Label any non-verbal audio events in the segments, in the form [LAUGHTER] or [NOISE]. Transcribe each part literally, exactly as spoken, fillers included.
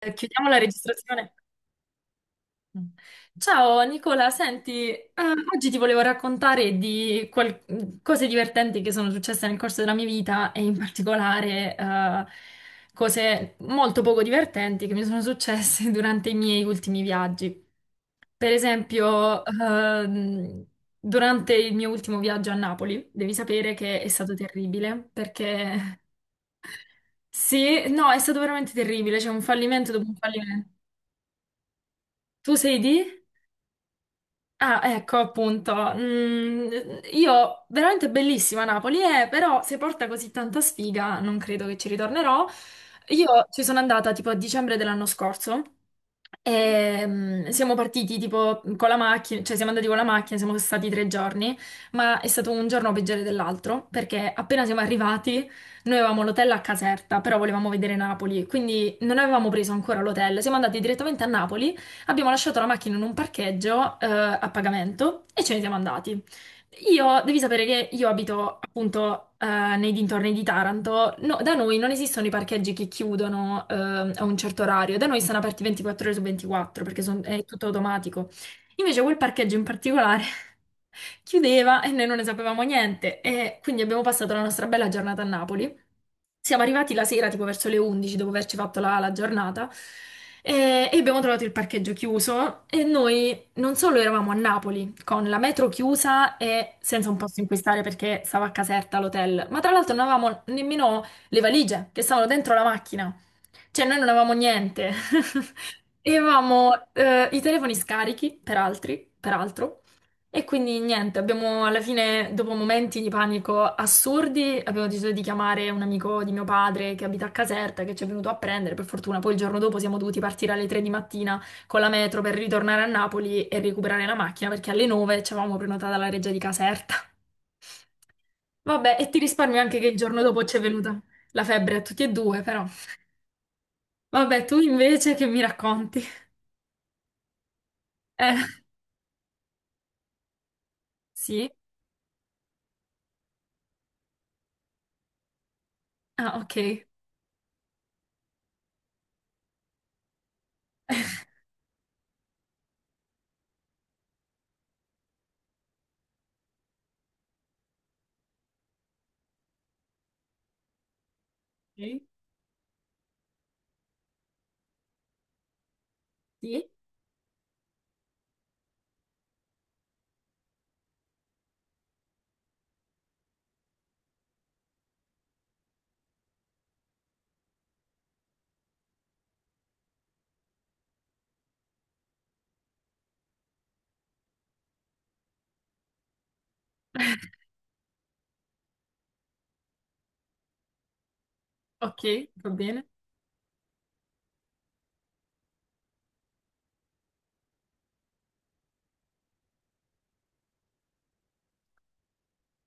Eh, Chiudiamo la registrazione. Ciao Nicola, senti, eh, oggi ti volevo raccontare di qual- cose divertenti che sono successe nel corso della mia vita e in particolare eh, cose molto poco divertenti che mi sono successe [LAUGHS] durante i miei ultimi viaggi. Per esempio, ehm, durante il mio ultimo viaggio a Napoli, devi sapere che è stato terribile perché [LAUGHS] sì, no, è stato veramente terribile, c'è un fallimento dopo un fallimento. Tu sei di? Ah, ecco appunto. Mm, io veramente bellissima Napoli, eh, però se porta così tanta sfiga non credo che ci ritornerò. Io ci sono andata tipo a dicembre dell'anno scorso e mm, siamo partiti tipo con la macchina, cioè siamo andati con la macchina, siamo stati tre giorni, ma è stato un giorno peggiore dell'altro perché appena siamo arrivati noi avevamo l'hotel a Caserta, però volevamo vedere Napoli, quindi non avevamo preso ancora l'hotel, siamo andati direttamente a Napoli. Abbiamo lasciato la macchina in un parcheggio, eh, a pagamento e ce ne siamo andati. Io, devi sapere che io abito appunto eh, nei dintorni di Taranto. No, da noi non esistono i parcheggi che chiudono eh, a un certo orario, da noi sono aperti ventiquattro ore su ventiquattro perché son- è tutto automatico. Invece quel parcheggio in particolare chiudeva e noi non ne sapevamo niente e quindi abbiamo passato la nostra bella giornata a Napoli. Siamo arrivati la sera, tipo verso le undici, dopo averci fatto la, la giornata, e, e abbiamo trovato il parcheggio chiuso. E noi non solo eravamo a Napoli, con la metro chiusa e senza un posto in cui stare perché stava a Caserta l'hotel, ma tra l'altro non avevamo nemmeno le valigie che stavano dentro la macchina. Cioè, noi non avevamo niente. [LAUGHS] E avevamo eh, i telefoni scarichi per altri, peraltro, e quindi niente, abbiamo alla fine, dopo momenti di panico assurdi, abbiamo deciso di chiamare un amico di mio padre che abita a Caserta, che ci è venuto a prendere, per fortuna poi il giorno dopo siamo dovuti partire alle tre di mattina con la metro per ritornare a Napoli e recuperare la macchina, perché alle nove ci avevamo prenotata la reggia di Caserta. Vabbè, e ti risparmio anche che il giorno dopo ci è venuta la febbre a tutti e due, però. Vabbè, tu invece che mi racconti? Eh, sì. Ah, ok. Ok, sì, ok, va bene.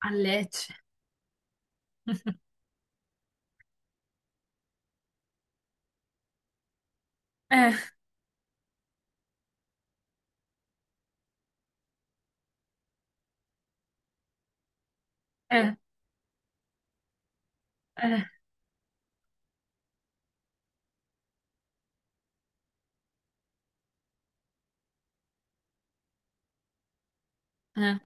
A Lecce. [LAUGHS] Eh, eh, eh, eh.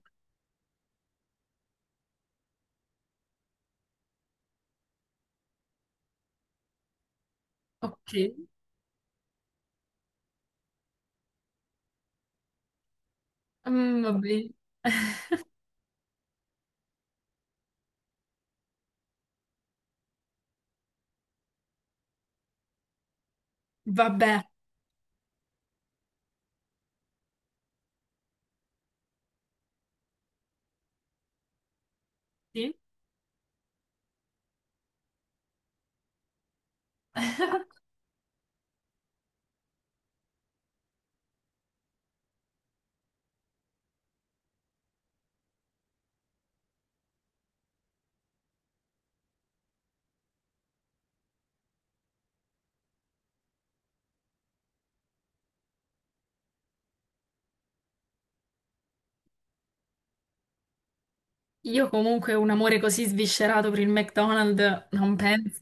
Ok, mm, va bene. [LAUGHS] Vabbè, sì. Io comunque un amore così sviscerato per il McDonald's non penso.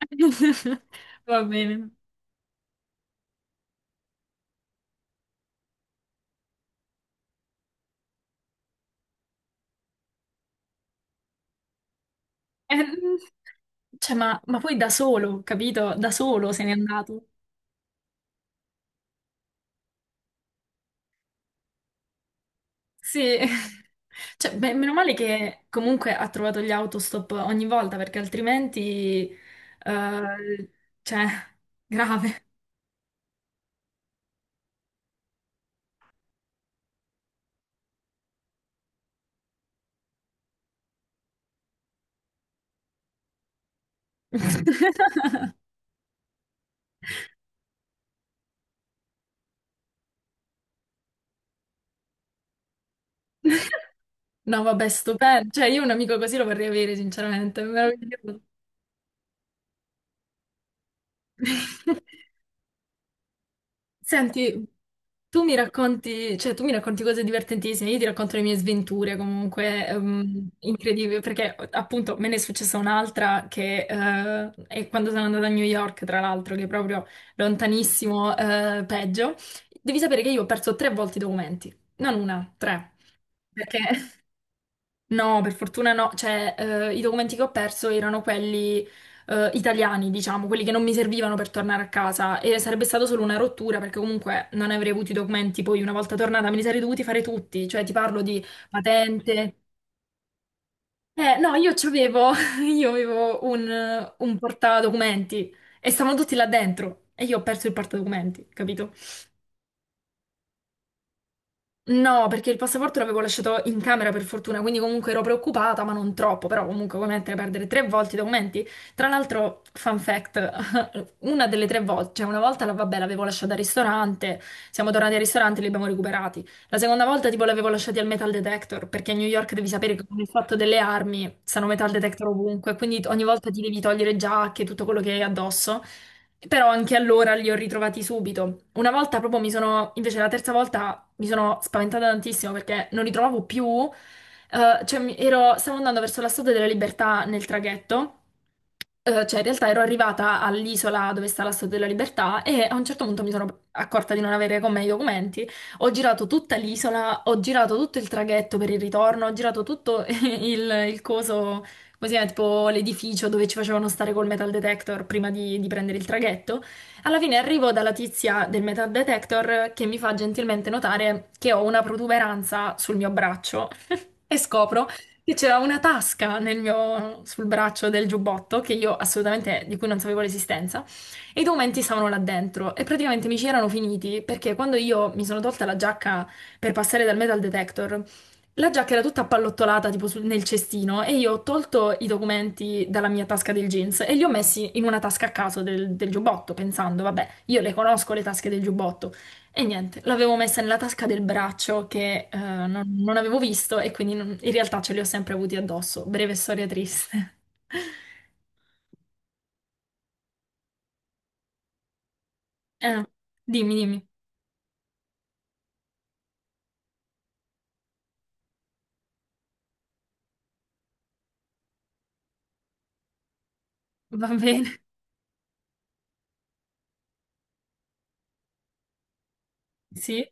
[LAUGHS] Va bene. Eh, mm, Cioè, ma, ma poi da solo, capito? Da solo se n'è andato. Sì, [LAUGHS] cioè, beh, meno male che comunque ha trovato gli autostop ogni volta perché altrimenti, eh, cioè, grave. [LAUGHS] No, vabbè, stupendo. Cioè, io un amico così lo vorrei avere, sinceramente, è meraviglioso. [LAUGHS] Senti, tu mi racconti, cioè, tu mi racconti cose divertentissime, io ti racconto le mie sventure comunque ehm, incredibili, perché appunto me ne è successa un'altra che eh, è quando sono andata a New York, tra l'altro, che è proprio lontanissimo, eh, peggio. Devi sapere che io ho perso tre volte i documenti, non una, tre, perché. No, per fortuna no, cioè eh, i documenti che ho perso erano quelli eh, italiani, diciamo, quelli che non mi servivano per tornare a casa e sarebbe stata solo una rottura perché comunque non avrei avuto i documenti, poi una volta tornata me li sarei dovuti fare tutti, cioè ti parlo di patente. Eh, no, io c'avevo, [LAUGHS] io avevo un, un, portadocumenti e stavano tutti là dentro e io ho perso il portadocumenti, capito? No, perché il passaporto l'avevo lasciato in camera per fortuna, quindi comunque ero preoccupata, ma non troppo, però comunque come mettere a perdere tre volte i documenti? Tra l'altro, fun fact, volte, una delle tre volte, cioè una volta la, vabbè, l'avevo lasciata al ristorante, siamo tornati al ristorante e li abbiamo recuperati. La seconda volta tipo l'avevo lasciati al metal detector, perché a New York devi sapere che con il fatto delle armi stanno metal detector ovunque, quindi ogni volta ti devi togliere giacche, tutto quello che hai addosso. Però anche allora li ho ritrovati subito. Una volta proprio mi sono, invece la terza volta mi sono spaventata tantissimo perché non li trovavo più. Eh, cioè, mi- ero- stavo andando verso la Statua della Libertà nel traghetto. Eh, cioè, in realtà ero arrivata all'isola dove sta la Statua della Libertà e a un certo punto mi sono accorta di non avere con me i documenti. Ho girato tutta l'isola, ho girato tutto il traghetto per il ritorno, ho girato tutto [LAUGHS] il, il, coso, così è, tipo l'edificio dove ci facevano stare col metal detector prima di, di prendere il traghetto. Alla fine arrivo dalla tizia del metal detector che mi fa gentilmente notare che ho una protuberanza sul mio braccio e scopro che c'era una tasca nel mio, sul braccio del giubbotto che io assolutamente di cui non sapevo l'esistenza e i documenti stavano là dentro e praticamente mi ci erano finiti perché quando io mi sono tolta la giacca per passare dal metal detector, la giacca era tutta appallottolata tipo sul- nel cestino e io ho tolto i documenti dalla mia tasca del jeans e li ho messi in una tasca a caso del, del giubbotto pensando, vabbè, io le conosco le tasche del giubbotto, e niente, l'avevo messa nella tasca del braccio che eh, non, non avevo visto e quindi non- in realtà ce li ho sempre avuti addosso. Breve storia triste. [LAUGHS] Eh, dimmi, dimmi. Va bene. Sì,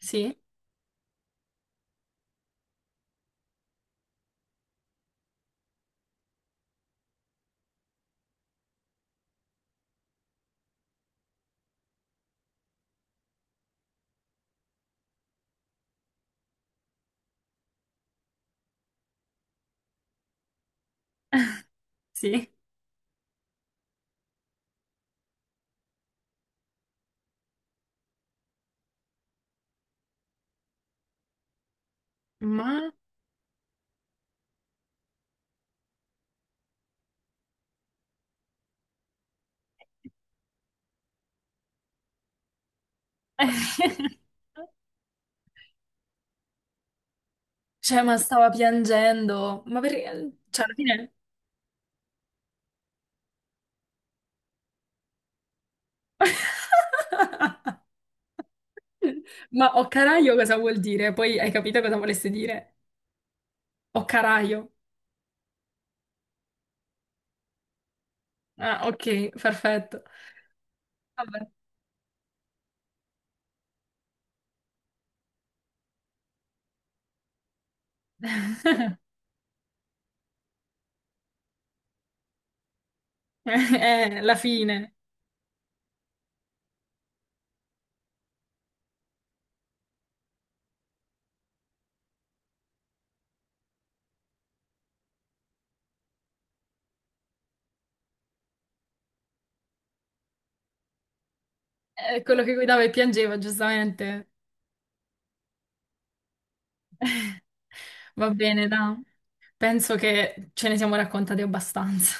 sì, sì. Ma... [LAUGHS] Cioè, ma stava piangendo. Ma perché... Cioè, alla fine... [LAUGHS] Ma o caraio cosa vuol dire? Poi hai capito cosa volesse dire? O caraio. Ah, ok, perfetto. Vabbè. [LAUGHS] Eh, la fine. Eh, quello che guidava e piangeva, giustamente. [LAUGHS] Va bene, da. Penso che ce ne siamo raccontati abbastanza.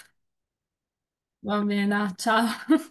Va bene, da. Ciao.